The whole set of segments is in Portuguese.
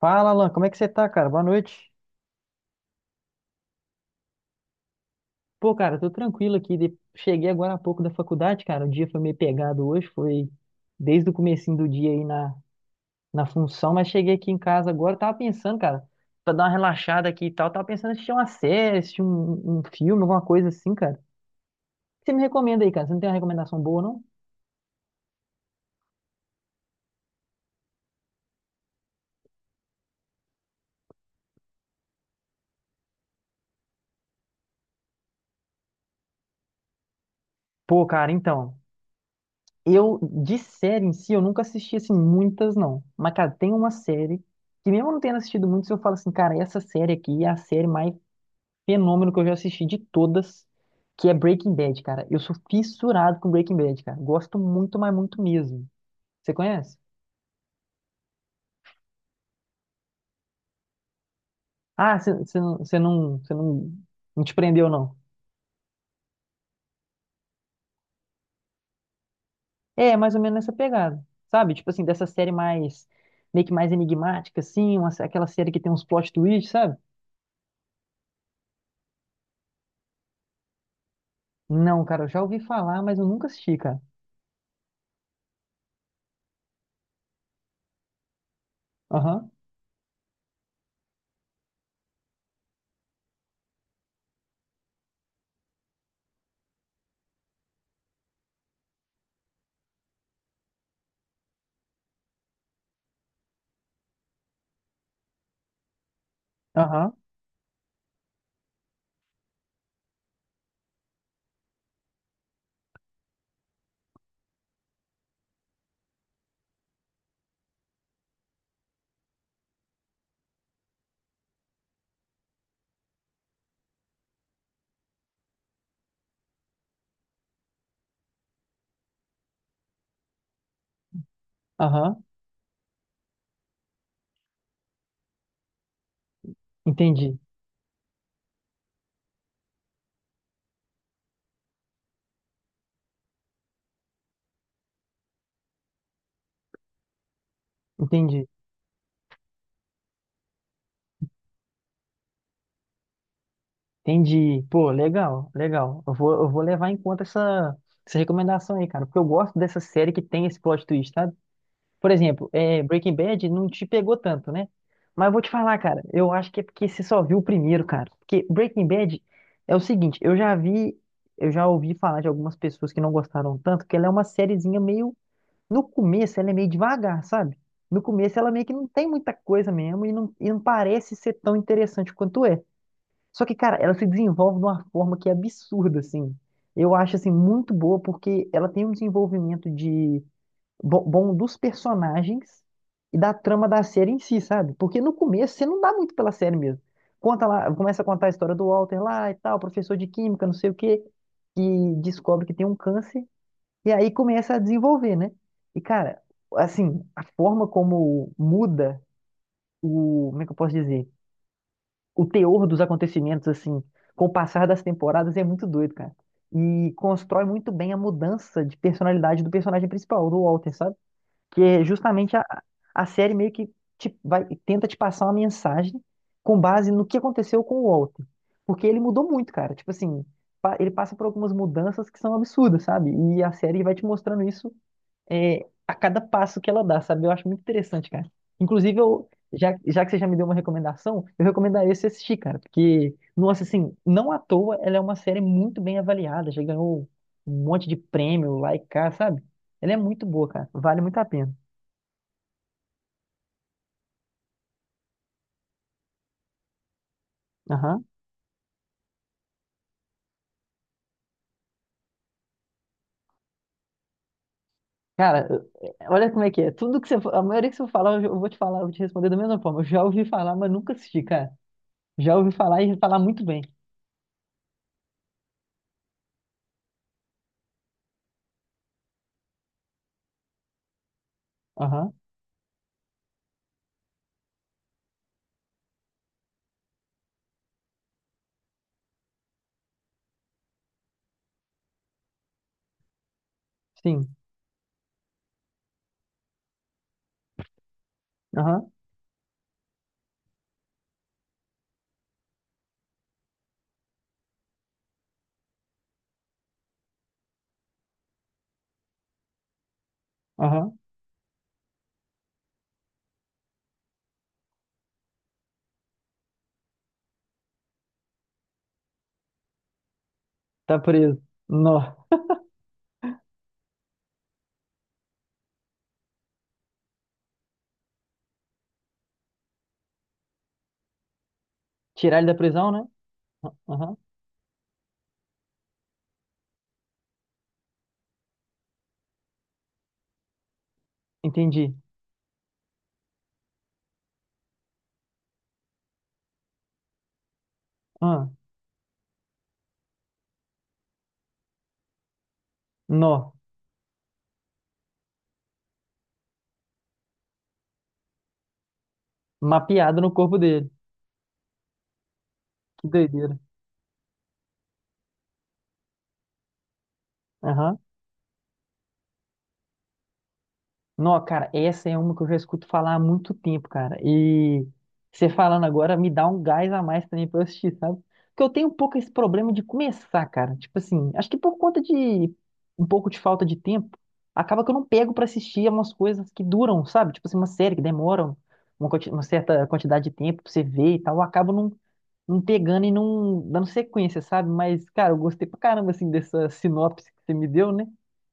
Fala, Alan, como é que você tá, cara? Boa noite. Pô, cara, tô tranquilo aqui. Cheguei agora há pouco da faculdade, cara. O dia foi meio pegado hoje, foi desde o comecinho do dia aí na função, mas cheguei aqui em casa agora, tava pensando, cara, pra dar uma relaxada aqui e tal, tava pensando em assistir uma série, assistir um filme, alguma coisa assim, cara. O que você me recomenda aí, cara? Você não tem uma recomendação boa, não? Pô, cara, então, eu, de série em si, eu nunca assisti, assim, muitas, não. Mas, cara, tem uma série que mesmo eu não tendo assistido muito, se eu falo assim, cara, essa série aqui é a série mais fenômeno que eu já assisti de todas, que é Breaking Bad, cara. Eu sou fissurado com Breaking Bad, cara. Gosto muito, mas muito mesmo. Você conhece? Ah, você você não, você não, você não, não te prendeu, não. É, mais ou menos nessa pegada, sabe? Tipo assim, dessa série mais, meio que mais enigmática, assim, aquela série que tem uns plot twists, sabe? Não, cara, eu já ouvi falar, mas eu nunca assisti, cara. Aham, aham, aham. Entendi, entendi. Entendi. Pô, legal, legal. Eu vou levar em conta essa recomendação aí, cara, porque eu gosto dessa série que tem esse plot twist, sabe? Por exemplo, Breaking Bad não te pegou tanto, né? Mas eu vou te falar, cara, eu acho que é porque você só viu o primeiro, cara. Porque Breaking Bad é o seguinte, eu já ouvi falar de algumas pessoas que não gostaram tanto, que ela é uma sériezinha meio, no começo ela é meio devagar, sabe? No começo ela meio que não tem muita coisa mesmo e não parece ser tão interessante quanto é. Só que, cara, ela se desenvolve de uma forma que é absurda, assim. Eu acho, assim, muito boa, porque ela tem um desenvolvimento de bom dos personagens e da trama da série em si, sabe? Porque no começo você não dá muito pela série mesmo. Conta lá, começa a contar a história do Walter lá e tal, professor de química, não sei o quê, que descobre que tem um câncer e aí começa a desenvolver, né? E, cara, assim, a forma como muda como é que eu posso dizer? O teor dos acontecimentos, assim, com o passar das temporadas é muito doido, cara. E constrói muito bem a mudança de personalidade do personagem principal, do Walter, sabe? Que é justamente a, a série meio que tenta te passar uma mensagem com base no que aconteceu com o Walter. Porque ele mudou muito, cara. Tipo assim, ele passa por algumas mudanças que são absurdas, sabe? E a série vai te mostrando isso a cada passo que ela dá, sabe? Eu acho muito interessante, cara. Inclusive, já, que você já me deu uma recomendação, eu recomendaria você assistir, cara, porque, nossa, assim, não à toa, ela é uma série muito bem avaliada, já ganhou um monte de prêmio lá e cá, sabe? Ela é muito boa, cara, vale muito a pena. Aham. Cara, é, olha como é que é. Tudo que a maioria que você falar, eu vou te falar, eu vou te responder da mesma forma. Eu já ouvi falar, mas nunca assisti, cara. Já ouvi falar e falar muito bem. Aham, sim. Aham, aham. Tá preso. Nó. Tirar ele da prisão, né? Ah, aham. Entendi. Ah, nó. Mapeado no corpo dele. Que doideira. Aham. Não, cara, essa é uma que eu já escuto falar há muito tempo, cara. E você falando agora me dá um gás a mais também pra eu assistir, sabe? Porque eu tenho um pouco esse problema de começar, cara. Tipo assim, acho que por conta de um pouco de falta de tempo, acaba que eu não pego pra assistir umas coisas que duram, sabe? Tipo assim, uma série que demora uma certa quantidade de tempo pra você ver e tal. Eu acabo não pegando e não dando sequência, sabe? Mas, cara, eu gostei pra caramba, assim, dessa sinopse que você me deu, né?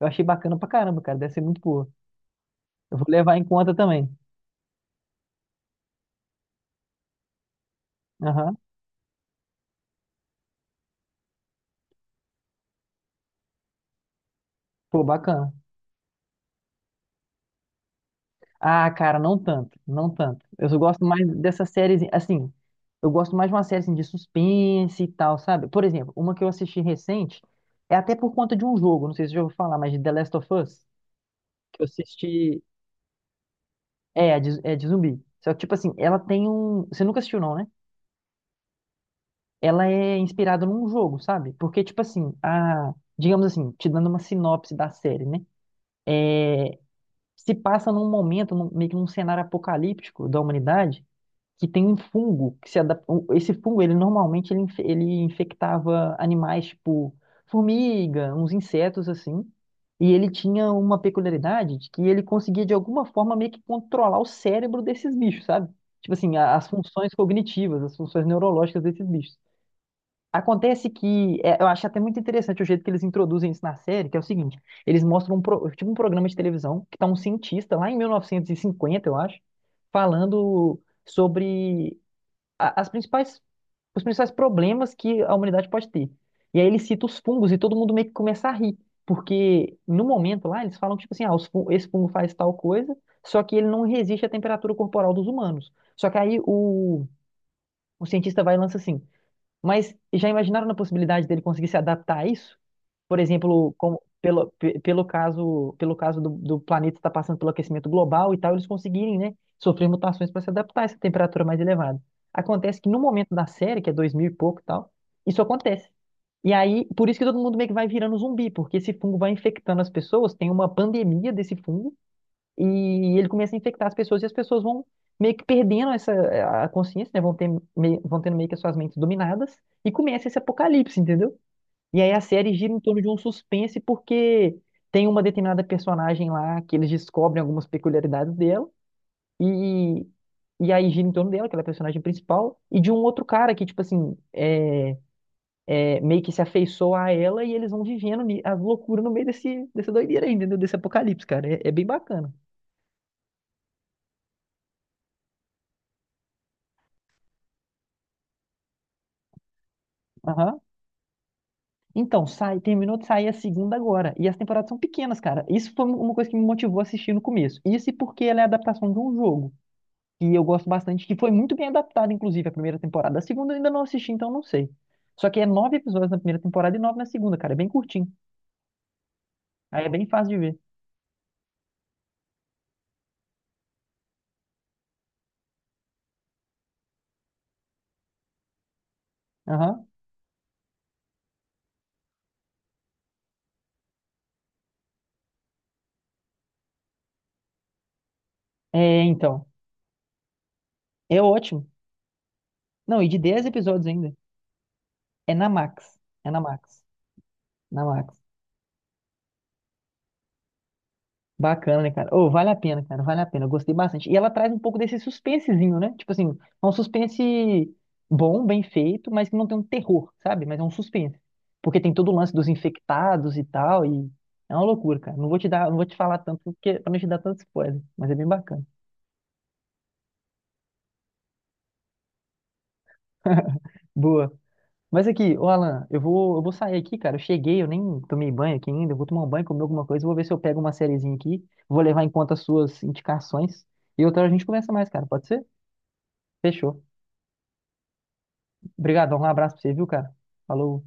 Eu achei bacana pra caramba, cara. Deve ser muito boa. Eu vou levar em conta também. Aham. Pô, bacana. Ah, cara, não tanto, não tanto. Eu só gosto mais dessa série, assim, eu gosto mais de uma série assim, de suspense e tal, sabe? Por exemplo, uma que eu assisti recente, é até por conta de um jogo, não sei se você já ouviu falar, mas de The Last of Us, que eu assisti, é de zumbi. Só que, tipo assim, ela tem um, você nunca assistiu não, né? Ela é inspirada num jogo, sabe? Porque, tipo assim, digamos assim, te dando uma sinopse da série, né? É, se passa num momento, meio que num cenário apocalíptico da humanidade, que tem um fungo que se adapta. Esse fungo, ele normalmente ele infectava animais tipo formiga, uns insetos assim. E ele tinha uma peculiaridade de que ele conseguia de alguma forma meio que controlar o cérebro desses bichos, sabe? Tipo assim, as funções cognitivas, as funções neurológicas desses bichos. Acontece que eu acho até muito interessante o jeito que eles introduzem isso na série, que é o seguinte, eles mostram tipo um programa de televisão que tá um cientista lá em 1950, eu acho, falando sobre a- as principais, os principais problemas que a humanidade pode ter. E aí ele cita os fungos e todo mundo meio que começa a rir, porque no momento lá eles falam tipo assim, ah, esse fungo faz tal coisa, só que ele não resiste à temperatura corporal dos humanos. Só que aí o cientista vai e lança assim, mas já imaginaram na possibilidade dele conseguir se adaptar a isso? Por exemplo, como, pelo, pe- pelo caso do planeta estar passando pelo aquecimento global e tal, eles conseguirem, né, sofrer mutações para se adaptar a essa temperatura mais elevada. Acontece que no momento da série, que é 2000 e pouco e tal, isso acontece. E aí, por isso que todo mundo meio que vai virando zumbi, porque esse fungo vai infectando as pessoas, tem uma pandemia desse fungo, e ele começa a infectar as pessoas e as pessoas vão meio que perdendo essa a consciência, né? Vão tendo meio que as suas mentes dominadas e começa esse apocalipse, entendeu? E aí a série gira em torno de um suspense porque tem uma determinada personagem lá que eles descobrem algumas peculiaridades dela e e aí gira em torno dela, que ela é a personagem principal, e de um outro cara que, tipo assim, meio que se afeiçoa a ela e eles vão vivendo as loucuras no meio dessa doideira aí, entendeu? Desse apocalipse, cara. É bem bacana. Aham. Então, terminou de sair a segunda agora. E as temporadas são pequenas, cara. Isso foi uma coisa que me motivou a assistir no começo. Isso e porque ela é a adaptação de um jogo. E eu gosto bastante, que foi muito bem adaptada, inclusive, a primeira temporada. A segunda eu ainda não assisti, então não sei. Só que é nove episódios na primeira temporada e nove na segunda, cara. É bem curtinho. Aí é bem fácil de ver. Aham. É, então. É ótimo. Não, e de 10 episódios ainda. É na Max. É na Max. Na Max. Bacana, né, cara? Ô, vale a pena, cara, vale a pena. Eu gostei bastante. E ela traz um pouco desse suspensezinho, né? Tipo assim, é um suspense bom, bem feito, mas que não tem um terror, sabe? Mas é um suspense. Porque tem todo o lance dos infectados e tal, e é uma loucura, cara. Não vou te falar tanto, porque, pra não te dar tanto spoiler, mas é bem bacana. Boa. Mas aqui, ô Alan, eu vou sair aqui, cara. Eu cheguei, eu nem tomei banho aqui ainda. Eu vou tomar um banho, comer alguma coisa. Vou ver se eu pego uma sériezinha aqui. Vou levar em conta as suas indicações. E outra hora a gente conversa mais, cara. Pode ser? Fechou. Obrigadão, um abraço pra você, viu, cara? Falou.